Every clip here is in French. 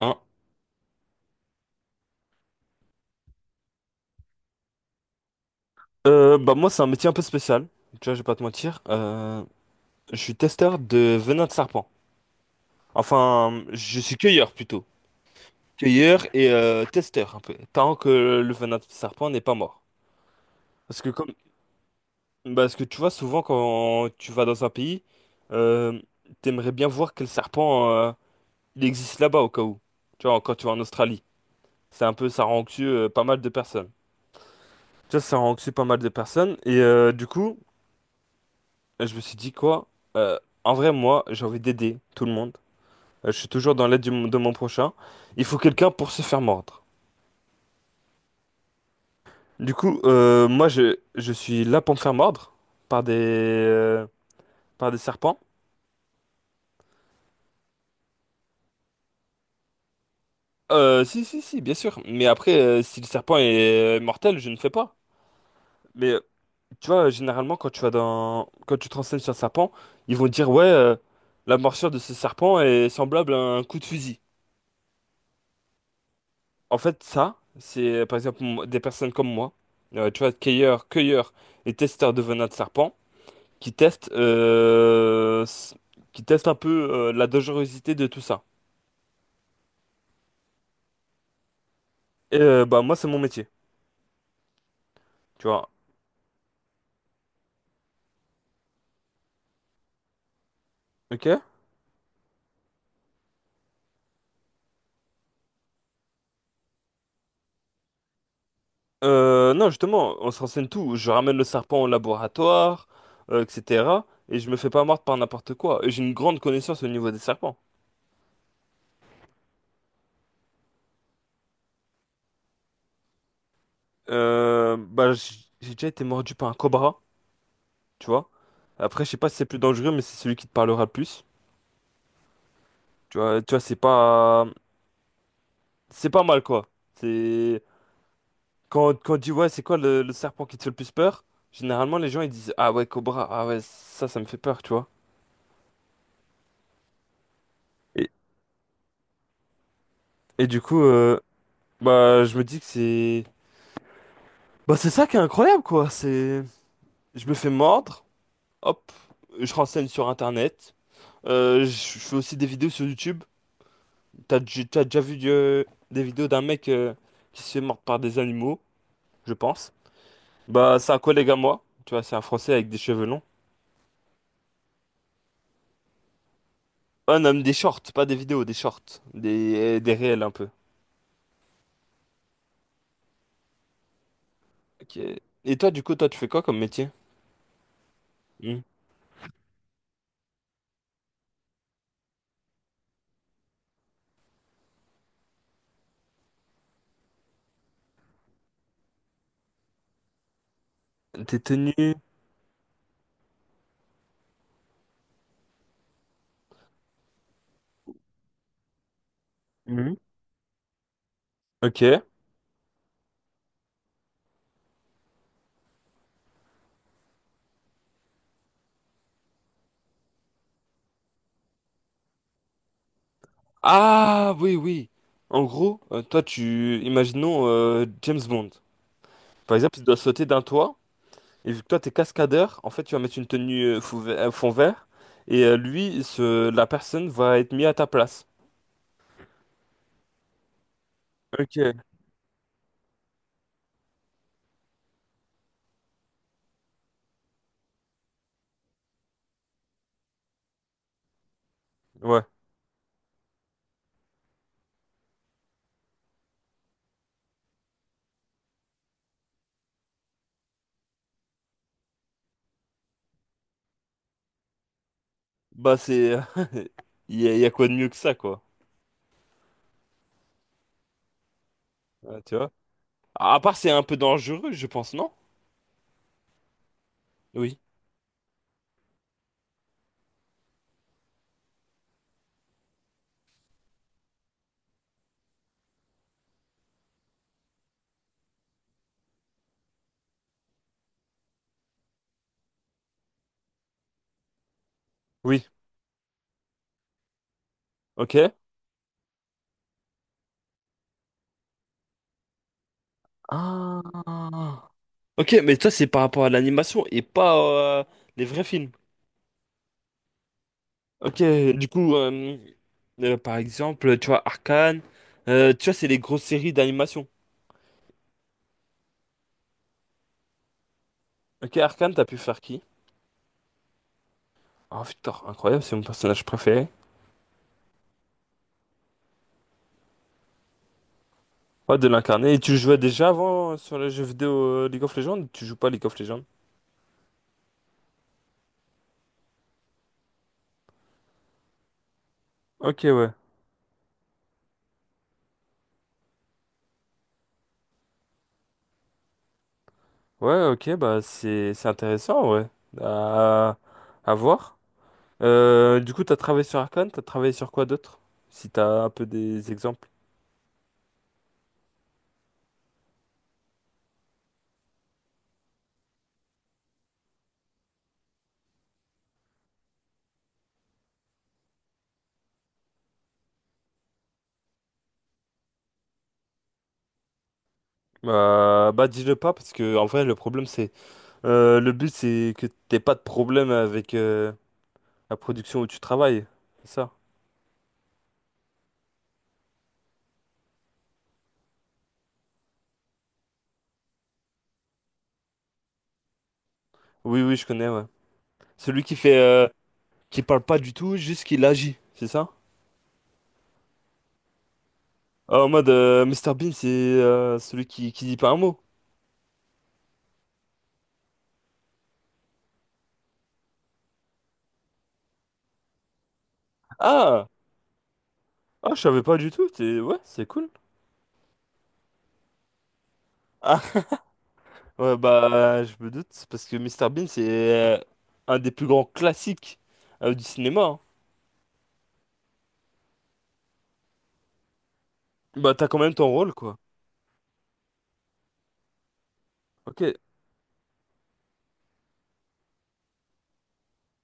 Hein. Bah moi c'est un métier un peu spécial, tu vois, je vais pas te mentir. Je suis testeur de venin de serpent. Enfin, je suis cueilleur plutôt. Cueilleur et testeur un peu. Tant que le venin de serpent n'est pas mort. Parce que comme bah, parce que tu vois souvent quand tu vas dans un pays, euh, t'aimerais bien voir quel serpent il existe là-bas au cas où. Tu vois, quand tu vas en Australie. C'est un peu ça rend anxieux pas mal de personnes. Tu vois, ça rend anxieux pas mal de personnes. Et euh, du coup, je me suis dit quoi? En vrai, moi, j'ai envie d'aider tout le monde. Je suis toujours dans l'aide de mon prochain. Il faut quelqu'un pour se faire mordre. Du coup, moi, je suis là pour me faire mordre par des, par des serpents. Si, si, si, bien sûr. Mais après, si le serpent est mortel, je ne fais pas. Mais tu vois, généralement, quand tu te renseignes sur un serpent, ils vont dire, ouais, la morsure de ce serpent est semblable à un coup de fusil. En fait, ça, c'est par exemple des personnes comme moi, tu vois, cueilleurs et testeurs de venin de serpent, qui testent, qui testent un peu la dangerosité de tout ça. Et bah moi, c'est mon métier, tu vois. Ok? Non, justement, on se renseigne tout. Je ramène le serpent au laboratoire, etc. Et je me fais pas mordre par n'importe quoi. Et J'ai une grande connaissance au niveau des serpents. Bah, j'ai déjà été mordu par un cobra, tu vois. Après, je sais pas si c'est plus dangereux, mais c'est celui qui te parlera le plus. Tu vois, c'est pas mal quoi. C'est quand on dit ouais, c'est quoi le serpent qui te fait le plus peur? Généralement, les gens ils disent ah ouais, Cobra, ah ouais, ça me fait peur, tu vois. Et, et du coup, bah je me dis que bah c'est ça qui est incroyable quoi. C'est, je me fais mordre, hop, je renseigne sur Internet. Euh, je fais aussi des vidéos sur YouTube. T'as déjà vu des vidéos d'un mec qui se fait mordre par des animaux, je pense. Bah c'est un collègue à moi, tu vois, c'est un Français avec des cheveux longs. Ouais, non, mais des shorts, pas des vidéos, des shorts, des réels un peu. Ok. Et toi, du coup, toi, tu fais quoi comme métier? Hmm. T'es tenu. Mhm. Ok. Ah, oui, oui. En gros, toi, tu... Imaginons James Bond. Par exemple, il doit sauter d'un toit, et vu que toi, t'es cascadeur, en fait, tu vas mettre une tenue fond vert, et lui, ce... la personne va être mise à ta place. Ok, ouais. Bah, c'est... il y a quoi de mieux que ça, quoi. Ouais, tu vois? À part, c'est un peu dangereux, je pense, non? Oui. Oui. Ok. Ah. Ok, mais toi, c'est par rapport à l'animation et pas euh, les vrais films. Ok, du coup, par exemple, tu vois, Arcane, tu vois, c'est les grosses séries d'animation. Ok, Arcane, t'as pu faire qui? Oh putain, incroyable, c'est mon personnage préféré. Ouais, de l'incarner. Et tu jouais déjà avant sur les jeux vidéo League of Legends? Ou Tu joues pas League of Legends? Ok, ouais. Ouais, ok, bah c'est intéressant, ouais. À, à voir. Du coup, t'as travaillé sur Arcane, t'as travaillé sur quoi d'autre? Si t'as un peu des exemples. Bah dis-le pas parce que en vrai le problème c'est le but c'est que t'aies pas de problème avec la production où tu travailles. C'est ça? Oui oui je connais ouais. Celui qui fait qui parle pas du tout, juste qu'il agit, c'est ça? Ah, en mode Mr Bean c'est celui qui dit pas un mot. Ah ah je savais pas du tout. C'est ouais c'est cool. Ouais, bah, je me doute, c'est parce que Mister Bean, c'est un des plus grands classiques du cinéma, hein. Bah, t'as quand même ton rôle, quoi. Ok,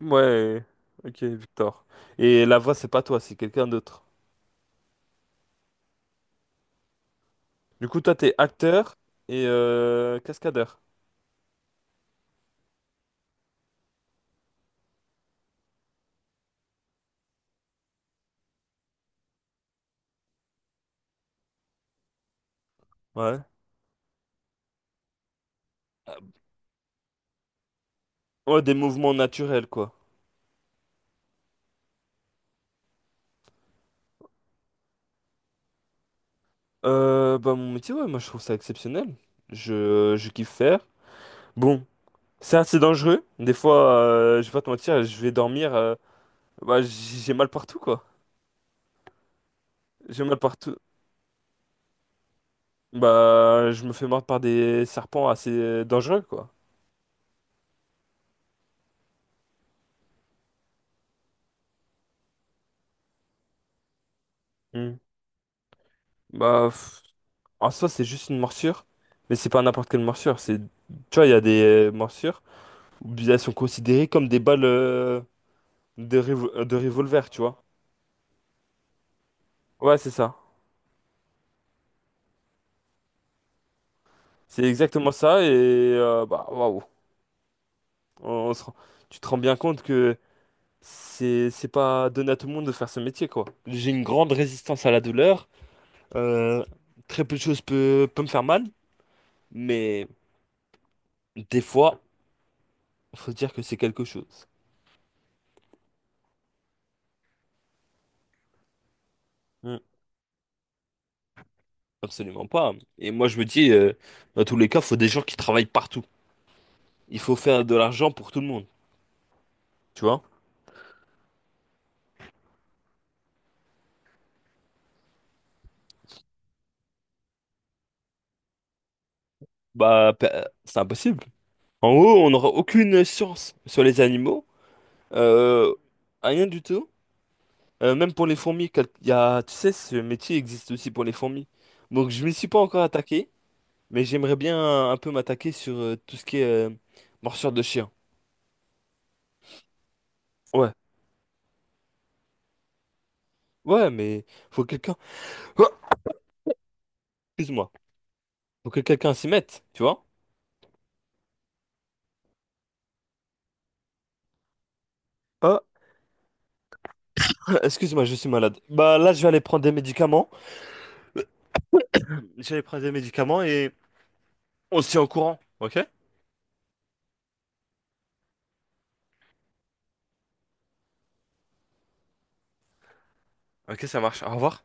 ouais, ok, Victor. Et la voix, c'est pas toi, c'est quelqu'un d'autre. Du coup, toi, t'es acteur et cascadeur. Ouais. Ouais, des mouvements naturels, quoi. Bah, mon métier, ouais, moi, je trouve ça exceptionnel. Je kiffe faire. Bon, c'est assez dangereux. Des fois, je vais pas te mentir, je vais dormir, bah, j'ai mal partout, quoi. J'ai mal partout. Bah, je me fais mordre par des serpents assez dangereux, quoi. Hmm. Bah, pff, en soi, c'est juste une morsure, mais c'est pas n'importe quelle morsure. C'est, tu vois, il y a des morsures où elles sont considérées comme des balles de revolver, tu vois. Ouais, c'est ça. C'est exactement ça, et bah, waouh. On, on se rend- Tu te rends bien compte que c'est pas donné à tout le monde de faire ce métier, quoi. J'ai une grande résistance à la douleur. euh, Très peu de choses peut me faire mal, mais. Des fois, faut se dire que c'est quelque chose. Hmm. Absolument pas. Et moi, je me dis, dans tous les cas, faut des gens qui travaillent partout. Il faut faire de l'argent pour tout le monde, tu vois? C'est impossible. En haut, on n'aura aucune science sur les animaux, euh, rien du tout. Même pour les fourmis, il y a, tu sais, ce métier existe aussi pour les fourmis. Donc, je m'y suis pas encore attaqué, mais j'aimerais bien un peu m'attaquer sur tout ce qui est morsure de chien. Ouais, ouais, mais faut quelqu'un. excuse-moi. Faut que quelqu'un s'y mette, tu vois? Ah, excuse-moi, je suis malade. Bah là, je vais aller prendre des médicaments. Je vais aller prendre des médicaments et on se tient au courant, ok? Ok, ça marche. Au revoir.